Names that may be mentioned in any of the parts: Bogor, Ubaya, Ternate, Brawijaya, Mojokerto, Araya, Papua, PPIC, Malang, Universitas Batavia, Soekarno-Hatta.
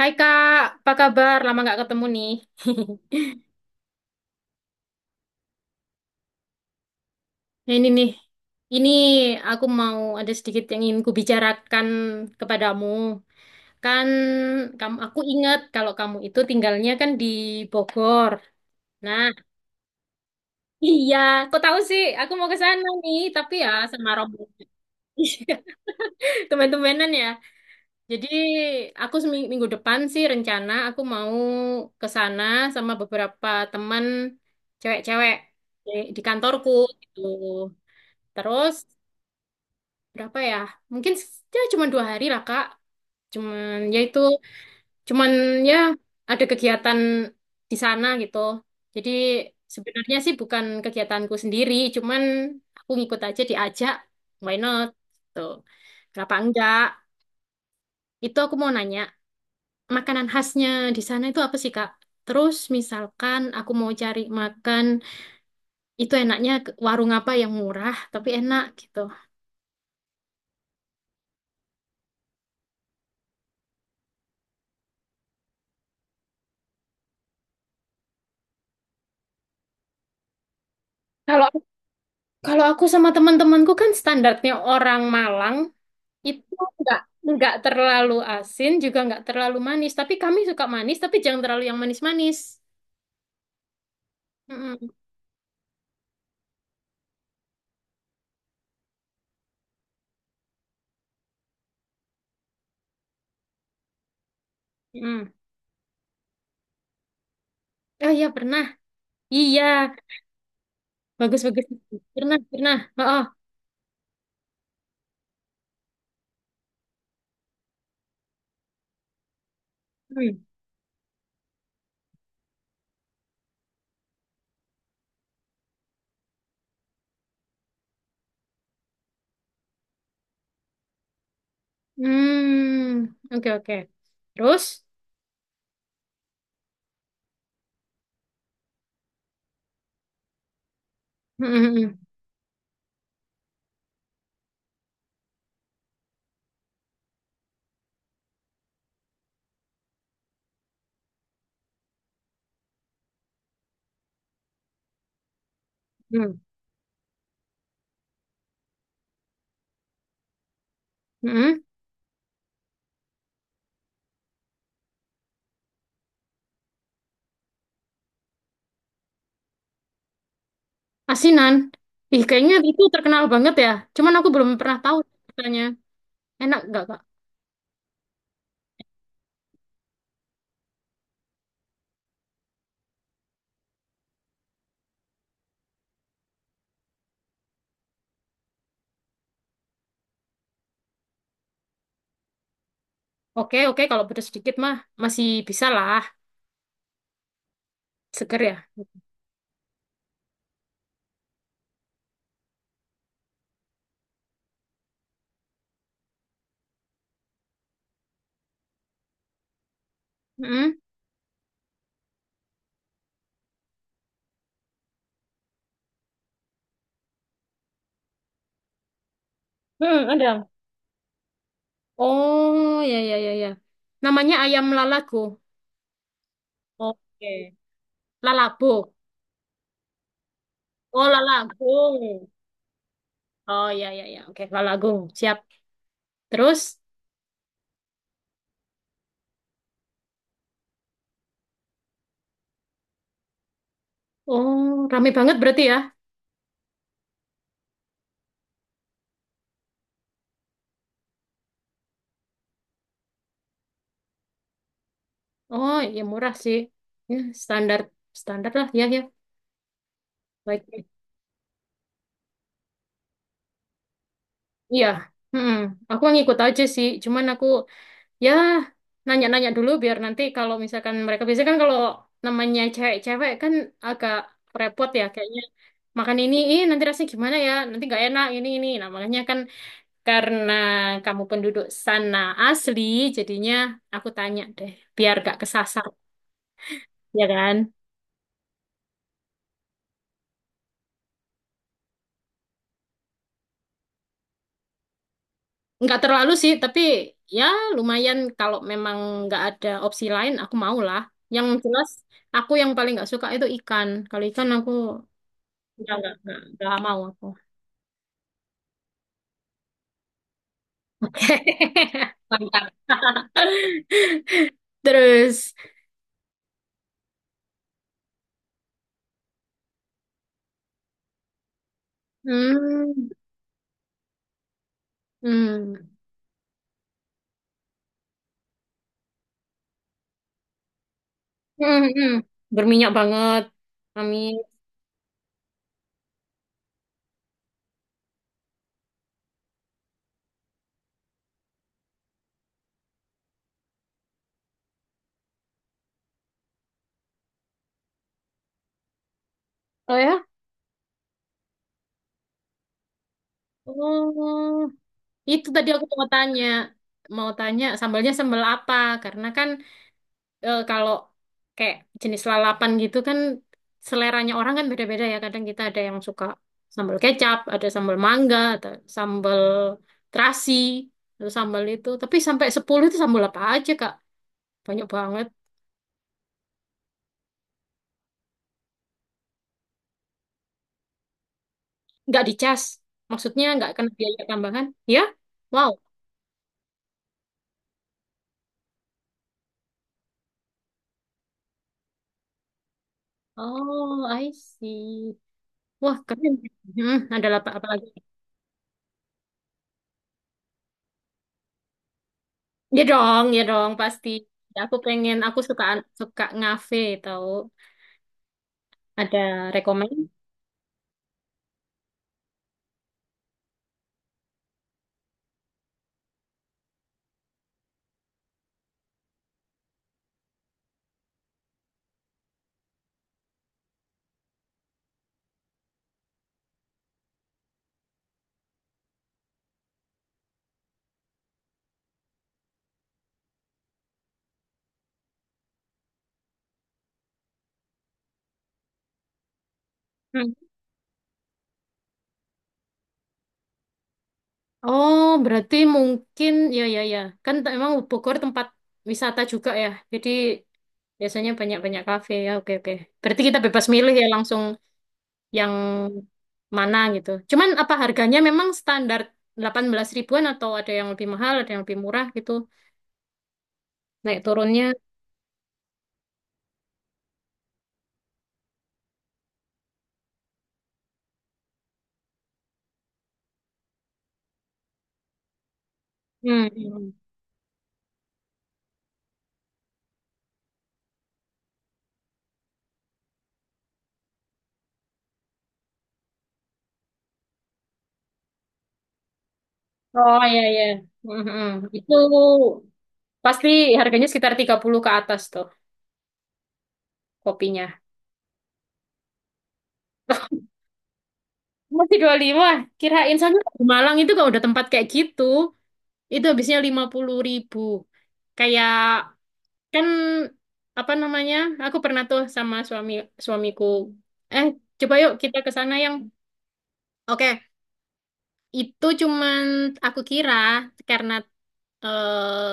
Hai Kak, apa kabar? Lama nggak ketemu nih. Nah, ini nih, ini aku mau ada sedikit yang ingin kubicarakan kepadamu. Kan aku ingat kalau kamu itu tinggalnya kan di Bogor. Nah, iya, kok tahu sih? Aku mau ke sana nih, tapi ya sama rombongan. Teman-temanan ya. Jadi aku minggu depan sih rencana aku mau ke sana sama beberapa teman cewek-cewek di di kantorku gitu. Terus berapa ya? Mungkin s- ya cuma dua hari lah Kak. Cuman ya itu cuman ya ada kegiatan di sana gitu. Jadi sebenarnya sih bukan kegiatanku sendiri, cuman aku ngikut aja diajak. Why not? Tuh. Kenapa enggak? Itu aku mau nanya, makanan khasnya di sana itu apa sih Kak? Terus misalkan aku mau cari makan, itu enaknya warung apa yang murah tapi enak gitu. Kalau aku sama teman-temanku kan standarnya orang Malang itu nggak nggak terlalu asin juga nggak terlalu manis. Tapi kami suka manis tapi jangan terlalu yang manis-manis. Mm-mm, mm-mm. Oh iya pernah. Iya bagus-bagus. Pernah pernah. Oh, oh. Hmm. Hmm. Oke oke. Terus? Mm-mm, mm-mm, mm-mm. Asinan. Ih kayaknya itu terkenal banget ya. Cuman aku belum pernah tahu katanya. Enak nggak kak? Oke oke kalau pedas sedikit mah masih bisa lah. Seger ya? Mm. Hmm, ada. Oh, ya, ya, ya, ya. Namanya ayam lalago. Oke. Lalago. Oh, lalagung. Oh, ya, ya, ya. Oke, lalagung. Siap. Terus, oh, rame banget berarti ya? Oh, ya murah sih. Ya, standar, standar lah. Ya, ya. Baik. Iya. Mm-mm. Aku ngikut aja sih. Cuman aku ya, nanya-nanya dulu biar nanti kalau misalkan mereka biasanya kan kalau namanya cewek-cewek kan agak repot ya kayaknya makan ini, ih nanti rasanya gimana ya, nanti nggak enak ini ini. Nah makanya kan karena kamu penduduk sana asli, jadinya aku tanya deh, biar gak kesasar, ya kan? Nggak terlalu sih, tapi ya lumayan kalau memang nggak ada opsi lain, aku mau lah. Yang jelas, aku yang paling nggak suka itu ikan. Kalau ikan aku nggak mau aku. Mantap. Terus, hmm, hmm, hmm, hmm. Berminyak banget. Amin. Oh ya? Oh, itu tadi aku mau tanya. Mau tanya sambalnya sambal apa? Karena kan eh, kalau kayak jenis lalapan gitu kan seleranya orang kan beda-beda ya. Kadang kita ada yang suka sambal kecap, ada sambal mangga, atau sambal terasi, atau sambal itu. Tapi sampai 10 itu sambal apa aja, Kak? Banyak banget. Nggak dicas. Maksudnya nggak kena biaya tambahan. Ya? Wow. Oh, I see. Wah, keren. Hmm, ada apa, apa lagi? Ya dong, pasti. Ya, aku pengen, aku suka suka ngafe tau. Ada rekomend? Hmm. Oh, berarti mungkin, ya, ya, ya. Kan t- emang Bogor tempat wisata juga ya. Jadi biasanya banyak-banyak kafe. Ya, oke, oke. Berarti kita bebas milih ya langsung, yang mana gitu. Cuman apa harganya memang standar 18 ribuan atau ada yang lebih mahal, ada yang lebih murah gitu. Naik turunnya. Hmm. Hmm. Oh iya iya. Hmm, hmm. Itu pasti harganya sekitar 30 ke atas tuh kopinya. Masih 25, kirain soalnya di Malang itu kalau udah tempat kayak gitu, itu habisnya 50 ribu. Kayak kan apa namanya? Aku pernah tuh sama suamiku. Eh, coba yuk kita ke sana yang oke, itu cuman aku kira karena eh,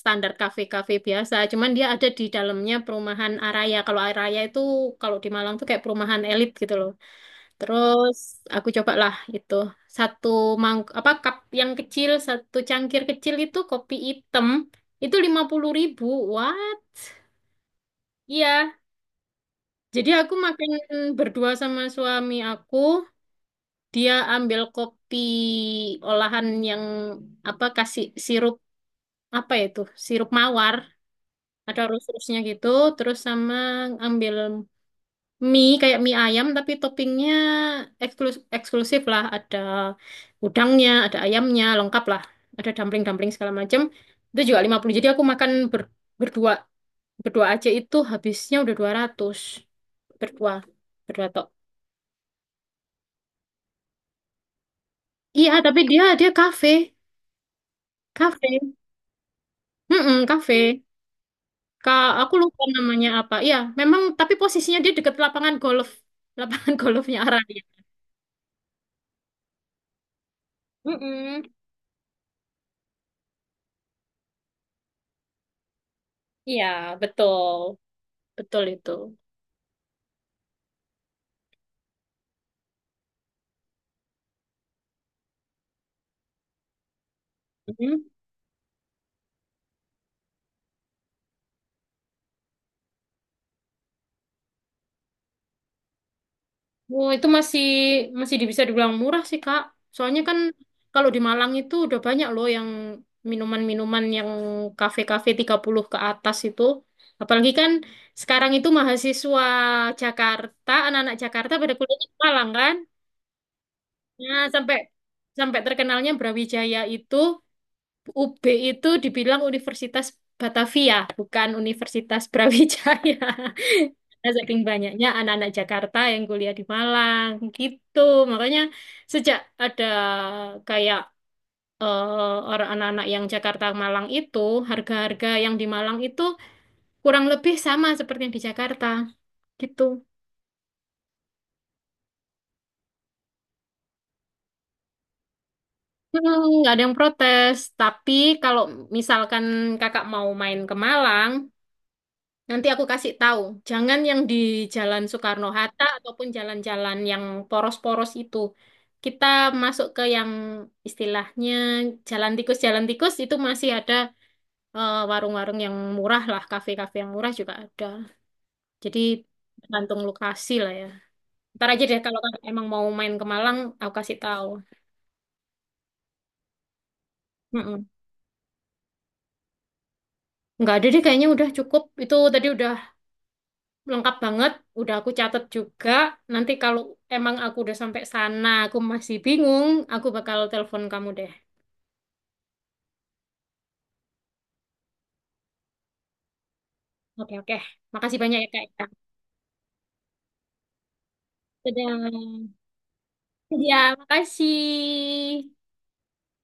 standar kafe-kafe biasa, cuman dia ada di dalamnya perumahan Araya. Kalau Araya itu kalau di Malang tuh kayak perumahan elit gitu loh. Terus aku cobalah itu satu apa cup yang kecil, satu cangkir kecil itu kopi hitam itu 50 ribu. What? Iya. Jadi aku makan berdua sama suami aku, dia ambil kopi olahan yang apa kasih sirup apa ya itu? Sirup mawar, ada rus-rusnya gitu, terus sama ambil mie kayak mie ayam tapi toppingnya eksklusif, eksklusif lah, ada udangnya, ada ayamnya, lengkap lah. Ada dumpling-dumpling segala macam. Itu juga 50. Jadi aku makan ber- berdua berdua aja itu habisnya udah 200. Berdua, berdua tok. Iya, tapi dia dia kafe, kafe. Mm-mm, kafe. Kak, aku lupa namanya apa. Iya, memang tapi posisinya dia deket lapangan golf. Lapangan golfnya Araya. Mm-mm. Iya, betul. Betul itu. Mm. Oh, itu masih masih bisa dibilang murah sih, Kak. Soalnya kan kalau di Malang itu udah banyak loh yang minuman-minuman yang kafe-kafe 30 ke atas itu. Apalagi kan sekarang itu mahasiswa Jakarta, anak-anak Jakarta pada kuliah di Malang kan. Nah, sampai sampai terkenalnya Brawijaya itu UB itu dibilang Universitas Batavia, bukan Universitas Brawijaya. Karena saking banyaknya anak-anak Jakarta yang kuliah di Malang, gitu. Makanya sejak ada kayak eh, orang anak-anak yang Jakarta Malang itu, harga-harga yang di Malang itu kurang lebih sama seperti yang di Jakarta, gitu. Hmm, nggak ada yang protes. Tapi kalau misalkan kakak mau main ke Malang, nanti aku kasih tahu. Jangan yang di Jalan Soekarno-Hatta ataupun jalan-jalan yang poros-poros itu. Kita masuk ke yang istilahnya jalan tikus itu masih ada eh, warung-warung yang murah lah, kafe-kafe yang murah juga ada. Jadi tergantung lokasi lah ya. Ntar aja deh kalau kamu emang mau main ke Malang, aku kasih tahu. Mm-mm. Nggak ada deh kayaknya udah cukup. Itu tadi udah lengkap banget, udah aku catat juga. Nanti kalau emang aku udah sampai sana, aku masih bingung, aku bakal telepon kamu deh. Oke, oke. Makasih banyak ya, Kak. Dadah. Ya, makasih.